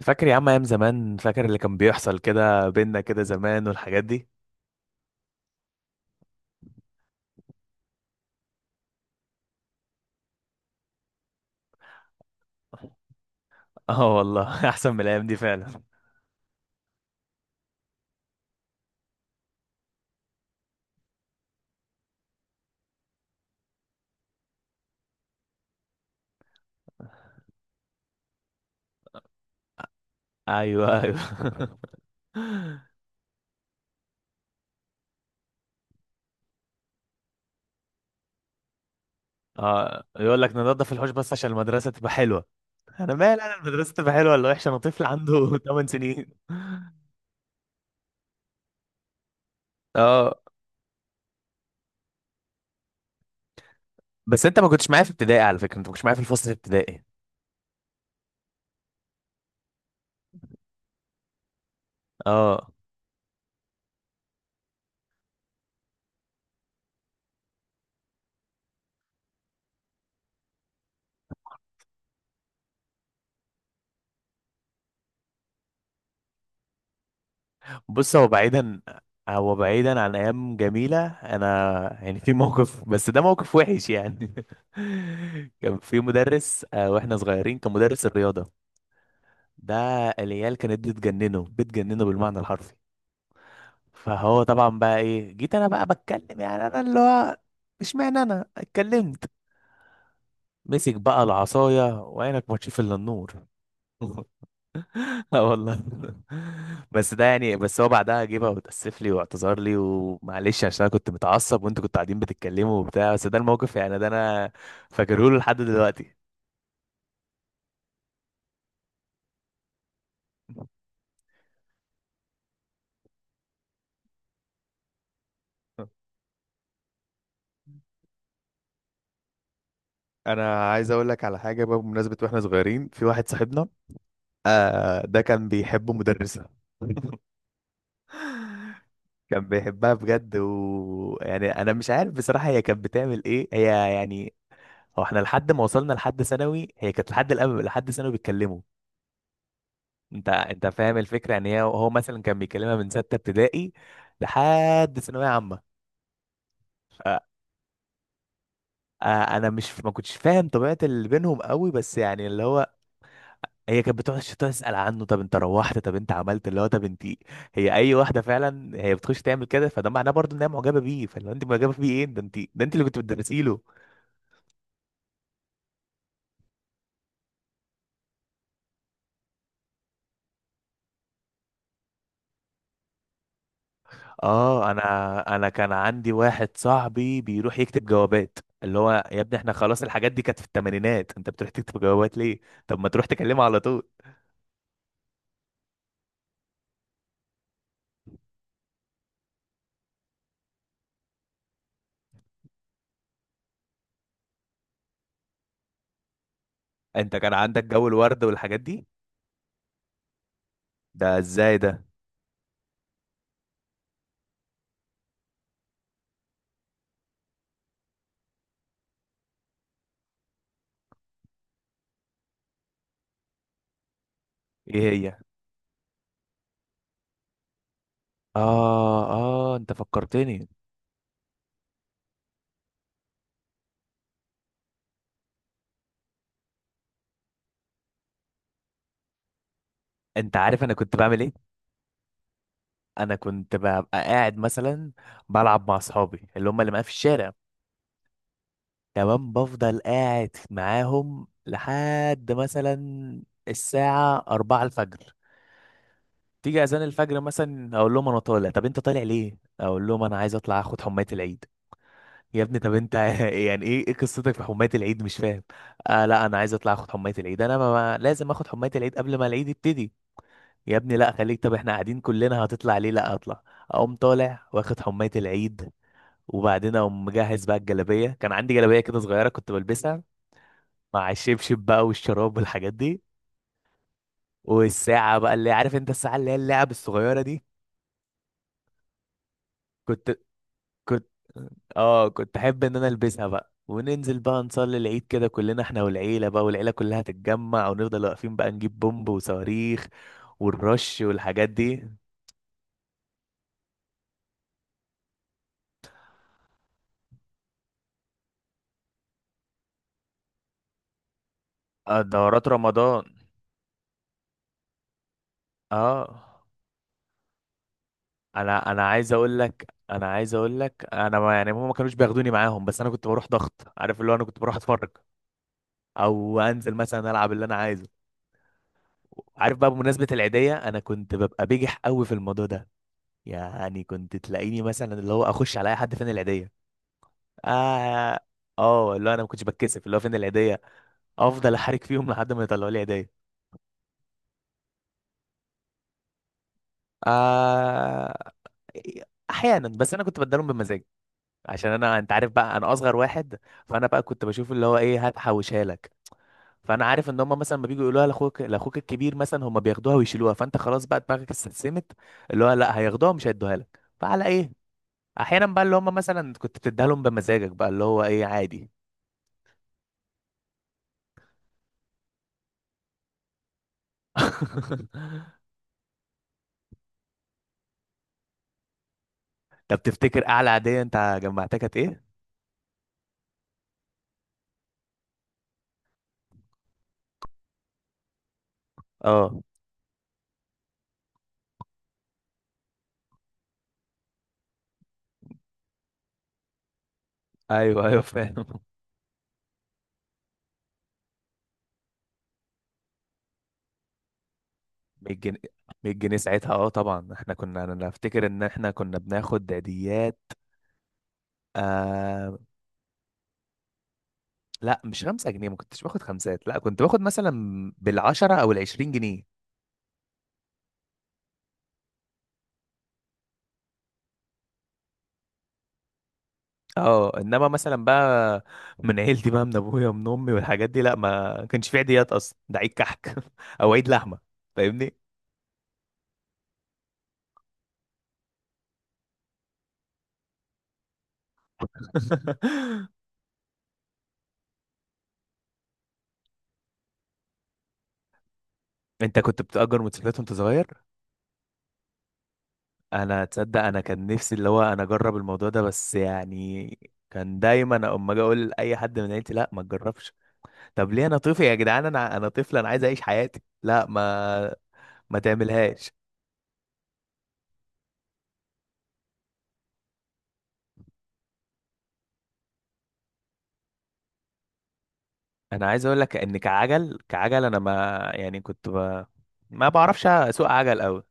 فاكر يا عم ايام زمان، فاكر اللي كان بيحصل كده بينا كده زمان والحاجات دي. اه والله احسن من الايام دي فعلا. ايوه ايوه. اه يقول لك ننضف الحوش بس عشان المدرسه تبقى حلوه. انا مال انا المدرسه تبقى حلوه ولا وحشه، انا طفل عنده 8 سنين. اه بس انت ما كنتش معايا في ابتدائي على فكره، انت ما كنتش معايا في الفصل الابتدائي. اه بص، هو بعيدا، هو بعيدا عن ايام جميله، انا يعني في موقف بس ده موقف وحش يعني. كان في مدرس، واحنا صغيرين كان مدرس الرياضه ده. العيال كانت بتجننه بالمعنى الحرفي. فهو طبعا بقى ايه، جيت انا بقى بتكلم، يعني انا اللي هو مش معنى انا اتكلمت، مسك بقى العصايه وعينك ما تشوف الا النور. اه والله. بس ده يعني، بس هو بعدها جه وتأسف لي واعتذر لي ومعلش عشان انا كنت متعصب وانتوا كنتوا قاعدين بتتكلموا وبتاع، بس ده الموقف، يعني ده انا فاكره له لحد دلوقتي. انا عايز اقول لك على حاجه بقى، بمناسبه واحنا صغيرين في واحد صاحبنا، آه ده كان بيحب مدرسه. كان بيحبها بجد، ويعني انا مش عارف بصراحه هي كانت بتعمل ايه هي يعني. هو احنا لحد ما وصلنا لحد ثانوي هي كانت لحد لحد ثانوي بيتكلموا. انت فاهم الفكره، يعني هي هو مثلا كان بيكلمها من سته ابتدائي لحد ثانويه عامه. ف- آه، انا مش، ما كنتش فاهم طبيعه اللي بينهم قوي، بس يعني اللي هو هي كانت بتقعد تسال عنه، طب انت روحت، طب انت عملت اللي هو، طب انت، هي اي واحده فعلا هي بتخش تعمل كده فده معناه برضه ان هي معجبه بيه، فلو انت معجبه بيه ايه ده، ده انت اللي كنت بتدرسي له. اه انا كان عندي واحد صاحبي بيروح يكتب جوابات، اللي هو يا ابني احنا خلاص الحاجات دي كانت في الثمانينات، انت بتروح تكتب جوابات ليه؟ طب ما تروح تكلمها على طول. انت كان عندك جو الورد والحاجات دي؟ ده ازاي ده؟ ايه هي؟ اه اه انت فكرتني. انت عارف انا كنت بعمل ايه؟ انا كنت ببقى قاعد مثلا بلعب مع اصحابي اللي هم اللي معايا في الشارع. تمام، بفضل قاعد معاهم لحد مثلا الساعة 4 الفجر، تيجي اذان الفجر مثلا اقول لهم انا طالع، طب انت طالع ليه، اقول لهم انا عايز اطلع اخد حماية العيد. يا ابني طب انت يعني ايه، ايه قصتك في حماية العيد، مش فاهم. آه لا انا عايز اطلع اخد حماية العيد، انا لازم اخد حماية العيد قبل ما العيد يبتدي. يا ابني لا خليك، طب احنا قاعدين كلنا، هتطلع ليه؟ لا اطلع. اقوم طالع واخد حماية العيد. وبعدين اقوم مجهز بقى الجلابية، كان عندي جلابية كده صغيرة كنت بلبسها مع الشبشب بقى والشراب والحاجات دي. والساعة بقى اللي عارف انت، الساعة اللي هي اللعب الصغيرة دي، كنت كنت اه كنت احب ان انا البسها بقى، وننزل بقى نصلي العيد كده كلنا، احنا والعيله بقى، والعيله كلها تتجمع، ونفضل واقفين بقى نجيب بومب وصواريخ والرش والحاجات دي. دورات رمضان، اه. انا عايز اقول لك، انا عايز اقول لك انا ما، يعني هم ما كانوش بياخدوني معاهم بس انا كنت بروح ضغط، عارف اللي هو انا كنت بروح اتفرج، او انزل مثلا العب اللي انا عايزه. عارف بقى بمناسبة العيدية، انا كنت ببقى بجح قوي في الموضوع ده. يعني كنت تلاقيني مثلا اللي هو اخش على اي حد، فين العيدية؟ اه اه، اللي هو انا ما كنتش بتكسف، اللي هو فين العيديه، افضل احرك فيهم لحد ما يطلعوا لي عيديه. آه... احيانا، بس انا كنت بدلهم بمزاج، عشان انا، انت عارف بقى انا اصغر واحد، فانا بقى كنت بشوف اللي هو، ايه هات حوشها لك. فانا عارف ان هم مثلا ما بيجوا يقولوها لاخوك، لاخوك الكبير مثلا هم بياخدوها ويشيلوها، فانت خلاص بقى دماغك استسلمت، اللي هو لا هياخدوها مش هيدوها لك، فعلى ايه؟ احيانا بقى اللي هم مثلا كنت بتديها لهم بمزاجك بقى، اللي هو ايه عادي. طب تفتكر اعلى عاديه انت جمعتها كانت ايه؟ اه ايوه ايوه فاهم. 100 جنيه، 100 جنيه ساعتها، اه طبعا احنا كنا، انا افتكر ان احنا كنا بناخد عيديات، آه لا مش 5 جنيه، ما كنتش باخد خمسات، لا كنت باخد مثلا بالعشرة او العشرين جنيه. اه انما مثلا بقى من عيلتي بقى، من ابويا ومن امي والحاجات دي لا، ما كانش في عيديات اصلا، ده عيد كحك او عيد لحمه. فاهمني. انت كنت بتأجر موتوسيكلات وانت صغير؟ انا تصدق انا كان نفسي اللي هو انا اجرب الموضوع ده بس يعني كان دايما اما اجي اقول لاي حد من عيلتي، لا ما تجربش. طب ليه، انا طفل يا جدعان، انا طفل، انا عايز اعيش حياتي، لا ما ما تعملهاش. انا عايز اقول لك ان كعجل، كعجل انا ما، يعني ما بعرفش اسوق عجل قوي.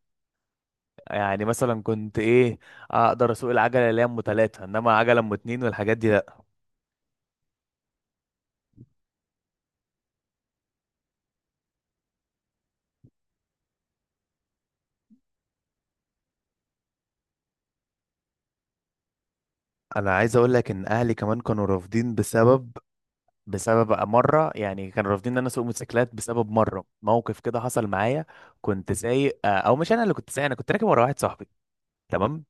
يعني مثلا كنت ايه، اقدر اسوق العجله اللي هي ام ثلاثه، انما عجله ام اتنين والحاجات دي لا. انا عايز اقول لك ان اهلي كمان كانوا رافضين بسبب، بسبب بقى مرة، يعني كانوا رافضين ان انا اسوق موتوسيكلات بسبب مرة موقف كده حصل معايا. كنت سايق، او مش انا اللي كنت سايق، انا كنت راكب ورا واحد صاحبي. تمام.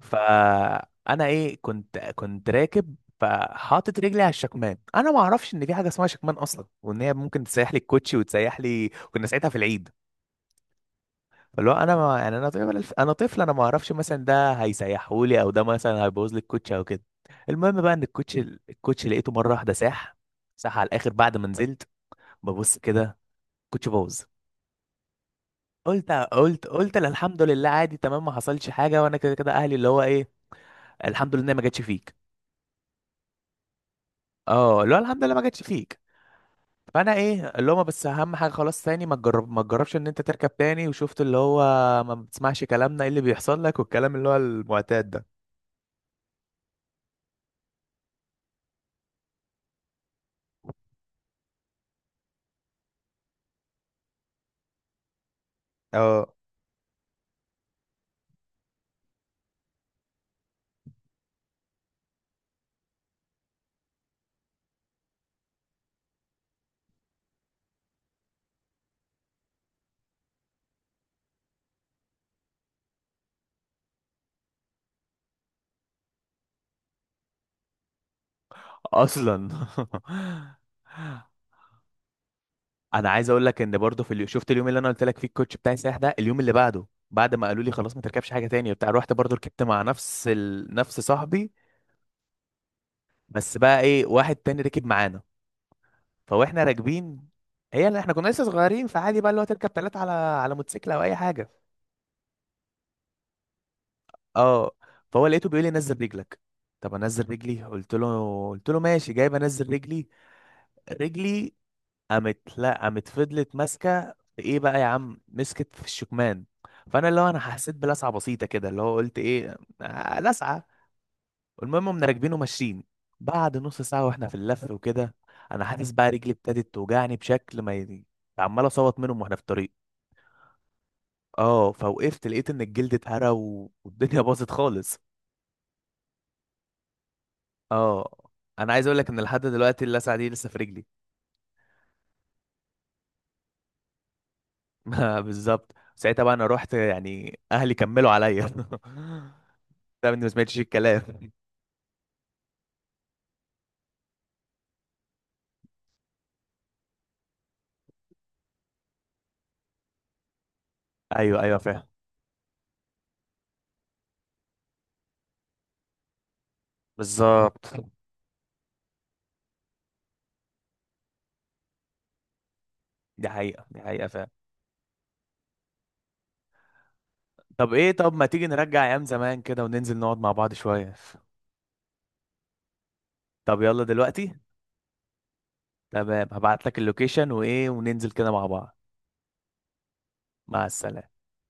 فانا ايه، كنت راكب، فحاطط رجلي على الشكمان، انا ما اعرفش ان في حاجه اسمها شكمان اصلا، وان هي ممكن تسيح لي الكوتشي وتسيح لي، كنا ساعتها في العيد. فاللي هو انا ما... يعني انا طفل، انا ما اعرفش مثلا ده هيسيحه لي، او ده مثلا هيبوظ لي الكوتشي او كده. المهم بقى ان الكوتشي لقيته مره واحده ساح، صح على الاخر. بعد ما نزلت ببص كده كنت بوظ. قلت لا، الحمد لله عادي تمام ما حصلش حاجه، وانا كده كده اهلي اللي هو ايه، الحمد لله إن هي ما جاتش فيك. اه اللي هو الحمد لله ما جاتش فيك. فانا ايه اللي هو ما، بس اهم حاجه خلاص تاني ما تجرب، ما تجربش ان انت تركب تاني، وشفت اللي هو ما بتسمعش كلامنا ايه اللي بيحصل لك، والكلام اللي هو المعتاد ده. اه اصلا. انا عايز اقول لك ان برضه شفت اليوم اللي انا قلت لك فيه الكوتش بتاعي سايح ده، اليوم اللي بعده بعد ما قالوا لي خلاص ما تركبش حاجه تانية بتاع، رحت برضه ركبت مع نفس صاحبي، بس بقى ايه واحد تاني ركب معانا. فواحنا راكبين، هي اللي احنا كنا لسه صغيرين، فعادي بقى اللي هو تركب ثلاثه على موتوسيكل او اي حاجه. اه. فهو لقيته بيقول لي نزل رجلك، طب انزل رجلي، قلت له ماشي جايب انزل رجلي. رجلي قامت، لا قامت فضلت ماسكه في ايه بقى يا عم، مسكت في الشكمان. فانا اللي هو انا حسيت بلسعه بسيطه كده، اللي هو قلت ايه، آه لسعه. المهم قمنا راكبين وماشيين. بعد نص ساعه واحنا في اللف وكده، انا حاسس بقى رجلي ابتدت توجعني بشكل ما ي- عمال اصوت منهم واحنا في الطريق. اه فوقفت لقيت ان الجلد اتهرى، والدنيا باظت خالص. اه انا عايز اقول لك ان لحد دلوقتي اللسعه دي لسه في رجلي. بالظبط، ساعتها بقى انا رحت يعني اهلي كملوا عليا ده اني ما سمعتش الكلام. ايوه ايوه فاهم. بالظبط. دي حقيقة، دي حقيقة فاهم. طب ايه، طب ما تيجي نرجع ايام زمان كده وننزل نقعد مع بعض شوية. طب يلا دلوقتي. تمام هبعت لك اللوكيشن وايه وننزل كده مع بعض. مع السلامة.